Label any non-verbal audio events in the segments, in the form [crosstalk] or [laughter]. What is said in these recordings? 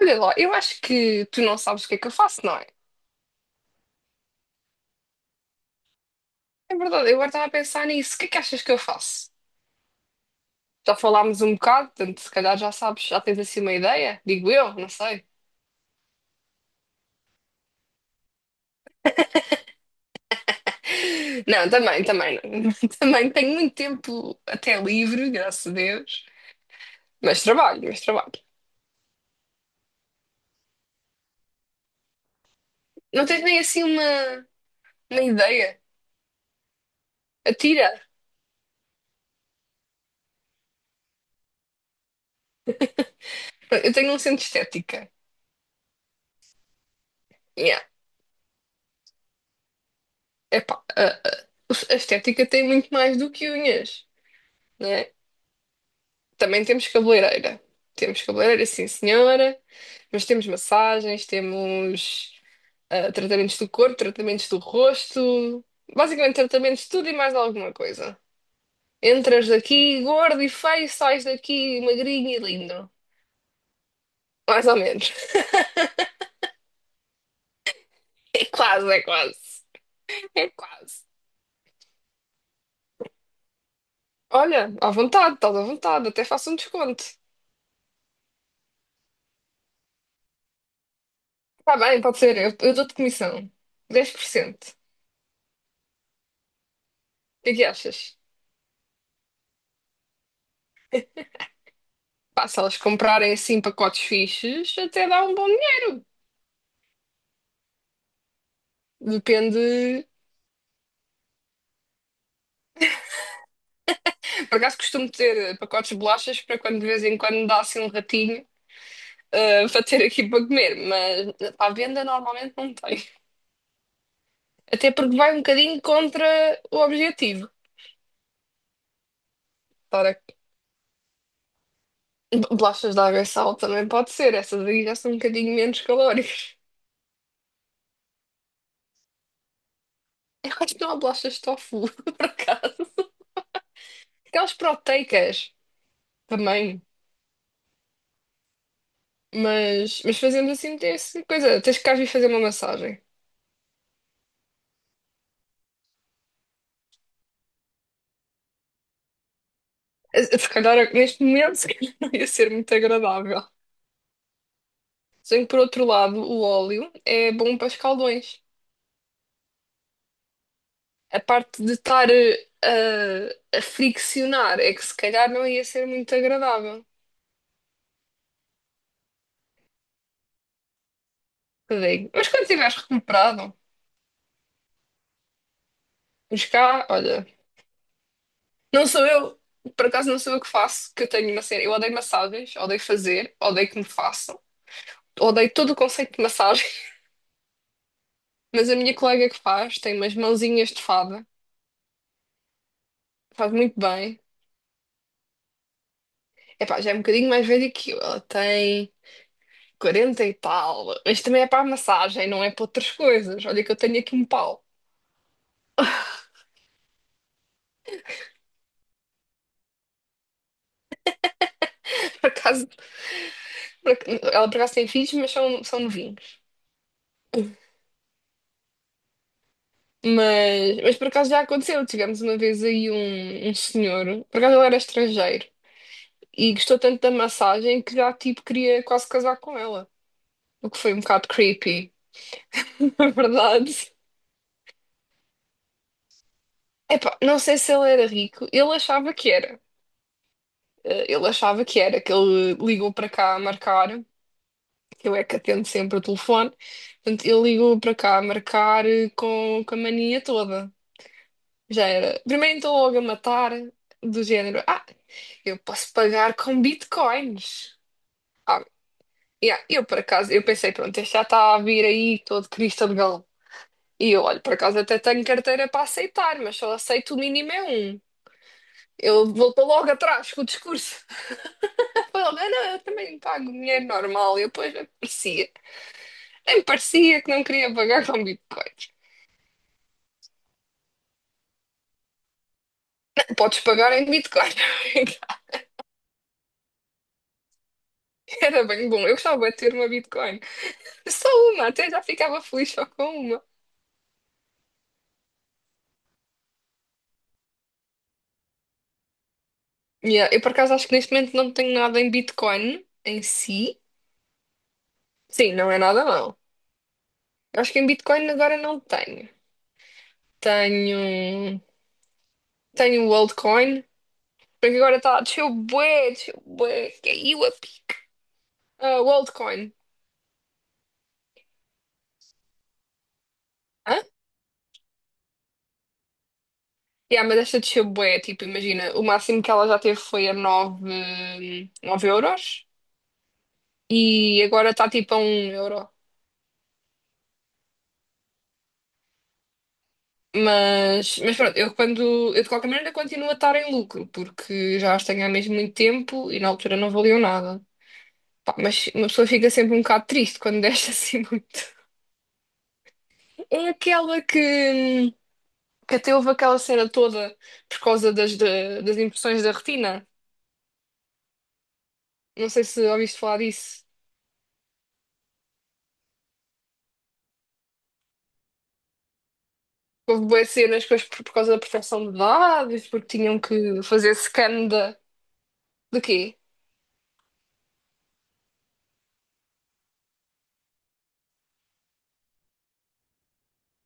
Olha lá, eu acho que tu não sabes o que é que eu faço, não é? É verdade, eu agora estava a pensar nisso. O que é que achas que eu faço? Já falámos um bocado, portanto, se calhar já sabes, já tens assim uma ideia? Digo eu, não sei. [laughs] Não, também, também, não. [laughs] Também tenho muito tempo até livre, graças a Deus. Mas trabalho, mas trabalho. Não tens nem assim uma ideia? Atira. Eu tenho um centro de estética. Yeah. Epá, a estética tem muito mais do que unhas, né? Também temos cabeleireira. Temos cabeleireira, sim, senhora. Mas temos massagens, temos tratamentos do corpo, tratamentos do rosto. Basicamente, tratamentos de tudo e mais alguma coisa. Entras daqui gordo e feio, sais daqui magrinho e lindo. Mais ou menos. [laughs] É quase, é quase. É quase. Olha, à vontade, estás à vontade. Até faço um desconto. Está bem, pode ser. Eu dou-te comissão. 10%. O que é que achas? Pá, se elas comprarem assim pacotes fixes, até dá um bom dinheiro. Depende. Por acaso costumo ter pacotes de bolachas para quando de vez em quando dá assim um ratinho, para ter aqui para comer, mas para a venda normalmente não tem. Até porque vai um bocadinho contra o objetivo. Ora, bolachas de água e sal também pode ser, essas aí já são um bocadinho menos calóricas. [laughs] Eu acho que não há bolachas de tofu, [laughs] por acaso. Aquelas proteicas também. Mas fazemos assim, tem essa coisa. Tens que cá vir fazer uma massagem. Se calhar neste momento [laughs] se calhar não ia ser muito agradável. Só que por outro lado, o óleo é bom para escaldões. A parte de estar a friccionar é que se calhar não ia ser muito agradável. Eu digo, mas quando tiveres recuperado, pois cá, olha, não sou eu, por acaso não sou eu que faço, que eu tenho uma cena. Eu odeio massagens, odeio fazer, odeio que me façam, odeio todo o conceito de massagem, [laughs] mas a minha colega que faz tem umas mãozinhas de fada, faz muito bem. Epá, já é um bocadinho mais velha que eu. Ela tem 40 e tal. Mas também é para a massagem, não é para outras coisas. Olha que eu tenho aqui um pau. [laughs] Por acaso, por ac- ela por acaso tem filhos, mas são novinhos. Mas por acaso já aconteceu. Tivemos uma vez aí um senhor, por acaso ele era estrangeiro, e gostou tanto da massagem que já tipo queria quase casar com ela. O que foi um bocado creepy, [laughs] na verdade. Epá, não sei se ele era rico, ele achava que era. Ele achava que era, que ele ligou para cá a marcar. Eu é que atendo sempre o telefone. Portanto, eu ligo para cá a marcar com a mania toda. Já era. Primeiro então logo a matar, do género. Ah, eu posso pagar com bitcoins. Ah, yeah, eu por acaso, eu pensei, pronto, este já está a vir aí todo Cristo de Galo. E eu, olho por acaso até tenho carteira para aceitar, mas só aceito o mínimo é um. Ele voltou logo atrás com o discurso. [laughs] Falou, não, não, eu também pago dinheiro normal. E depois nem parecia, nem parecia que não queria pagar com bitcoins. Podes pagar em Bitcoin. [laughs] Era bem bom. Eu gostava de ter uma Bitcoin. Só uma, até já ficava feliz só com uma. Yeah, eu por acaso acho que neste momento não tenho nada em Bitcoin em si. Sim, não é nada não. Eu acho que em Bitcoin agora não tenho. Tenho. Tenho o altcoin. Porque agora está a descer bué, desceu bué. Caiu a pique. Ah, o altcoin. Hã? Yeah, mas esta desceu bué, tipo, imagina, o máximo que ela já teve foi a 9 nove euros. E agora está tipo a um euro. Mas pronto, eu de qualquer maneira continuo a estar em lucro, porque já as tenho há mesmo muito tempo e na altura não valiam nada. Pá, mas uma pessoa fica sempre um bocado triste quando deixa assim [laughs] muito. É aquela que até houve aquela cena toda por causa das impressões da retina. Não sei se ouviste falar disso. Houve boas cenas depois por causa da proteção de dados, porque tinham que fazer scan de quê?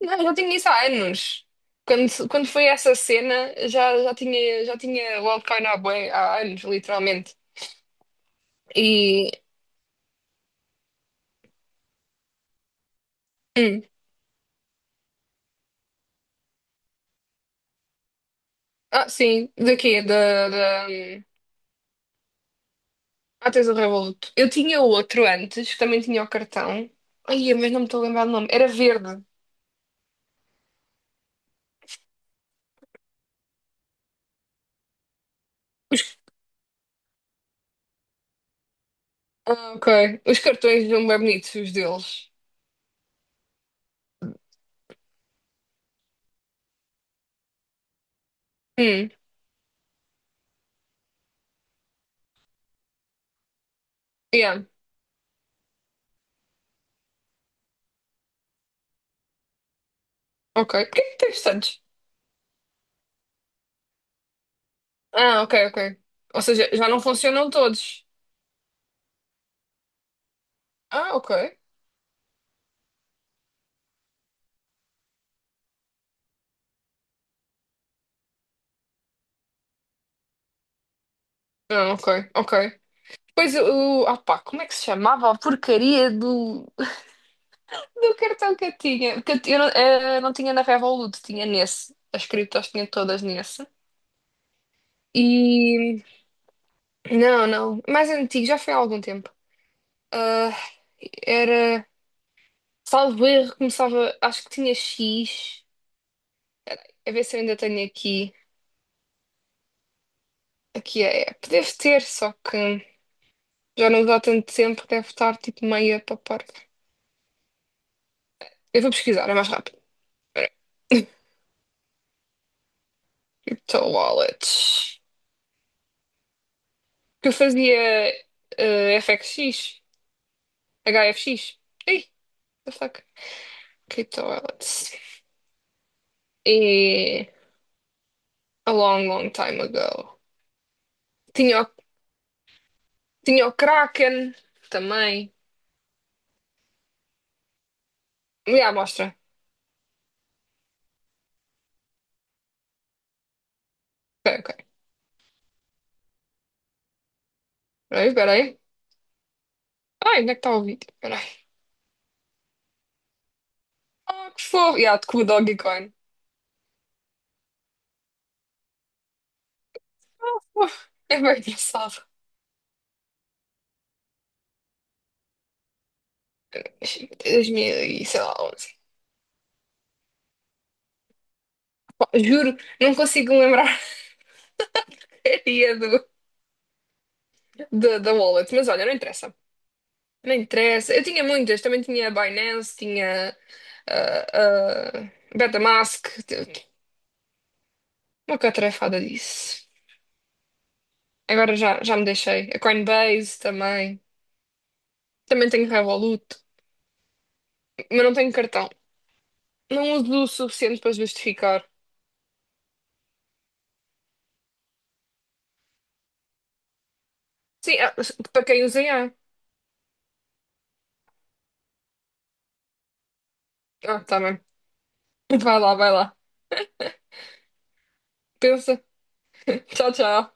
Não, já tinha isso há anos. Quando foi essa cena, já tinha o altcoin há anos, literalmente. E. hum, ah, sim, daqui, tens o Revolut. Eu tinha outro antes, que também tinha o cartão. Ai, mas não me estou a lembrar do nome. Era verde. Ah, ok. Os cartões não bem bonitos, os deles. Hum, yeah, ok. Por que é que tens tantos? Ah, ok, ok. Ou seja, já não funcionam todos. Ah, ok. Ah, ok, ok. Pois o. Ah pá, como é que se chamava a porcaria do cartão que eu tinha? Que eu, eu não, não tinha na Revolut, tinha nesse. As criptos tinha todas nesse. E. Não, não. Mais antigo, já foi há algum tempo. Ah, era. Salvo erro, começava. Acho que tinha X. A ver se eu ainda tenho aqui. Aqui a app. Deve ter, só que já não dá tanto tempo, deve estar tipo meia para parte. Eu vou pesquisar, é mais rápido. Espera. Crypto Wallets. Que eu fazia FXX, HFX. Ei, the fuck? Que toilets. E a long, long time ago. Tinha, o- tinha o Kraken também. Já, mostra. Ok, ok. Peraí, peraí. Ai, onde é que está o vídeo? Peraí. Ah, que fofo. Já, com o Dogecoin. Uf, é bem engraçado. 2000 e sei lá, 11. Pá, juro, não consigo lembrar [laughs] a dia da wallet, mas olha, não interessa. Não interessa. Eu tinha muitas, também tinha a Binance, tinha a Betamask, uma catrefada disso. Agora já me deixei. A Coinbase também. Também tenho Revolut, mas não tenho cartão. Não uso o suficiente para justificar. Sim, para quem usa, há. Ah, tá bem. Vai lá, vai lá. Pensa. Tchau, tchau.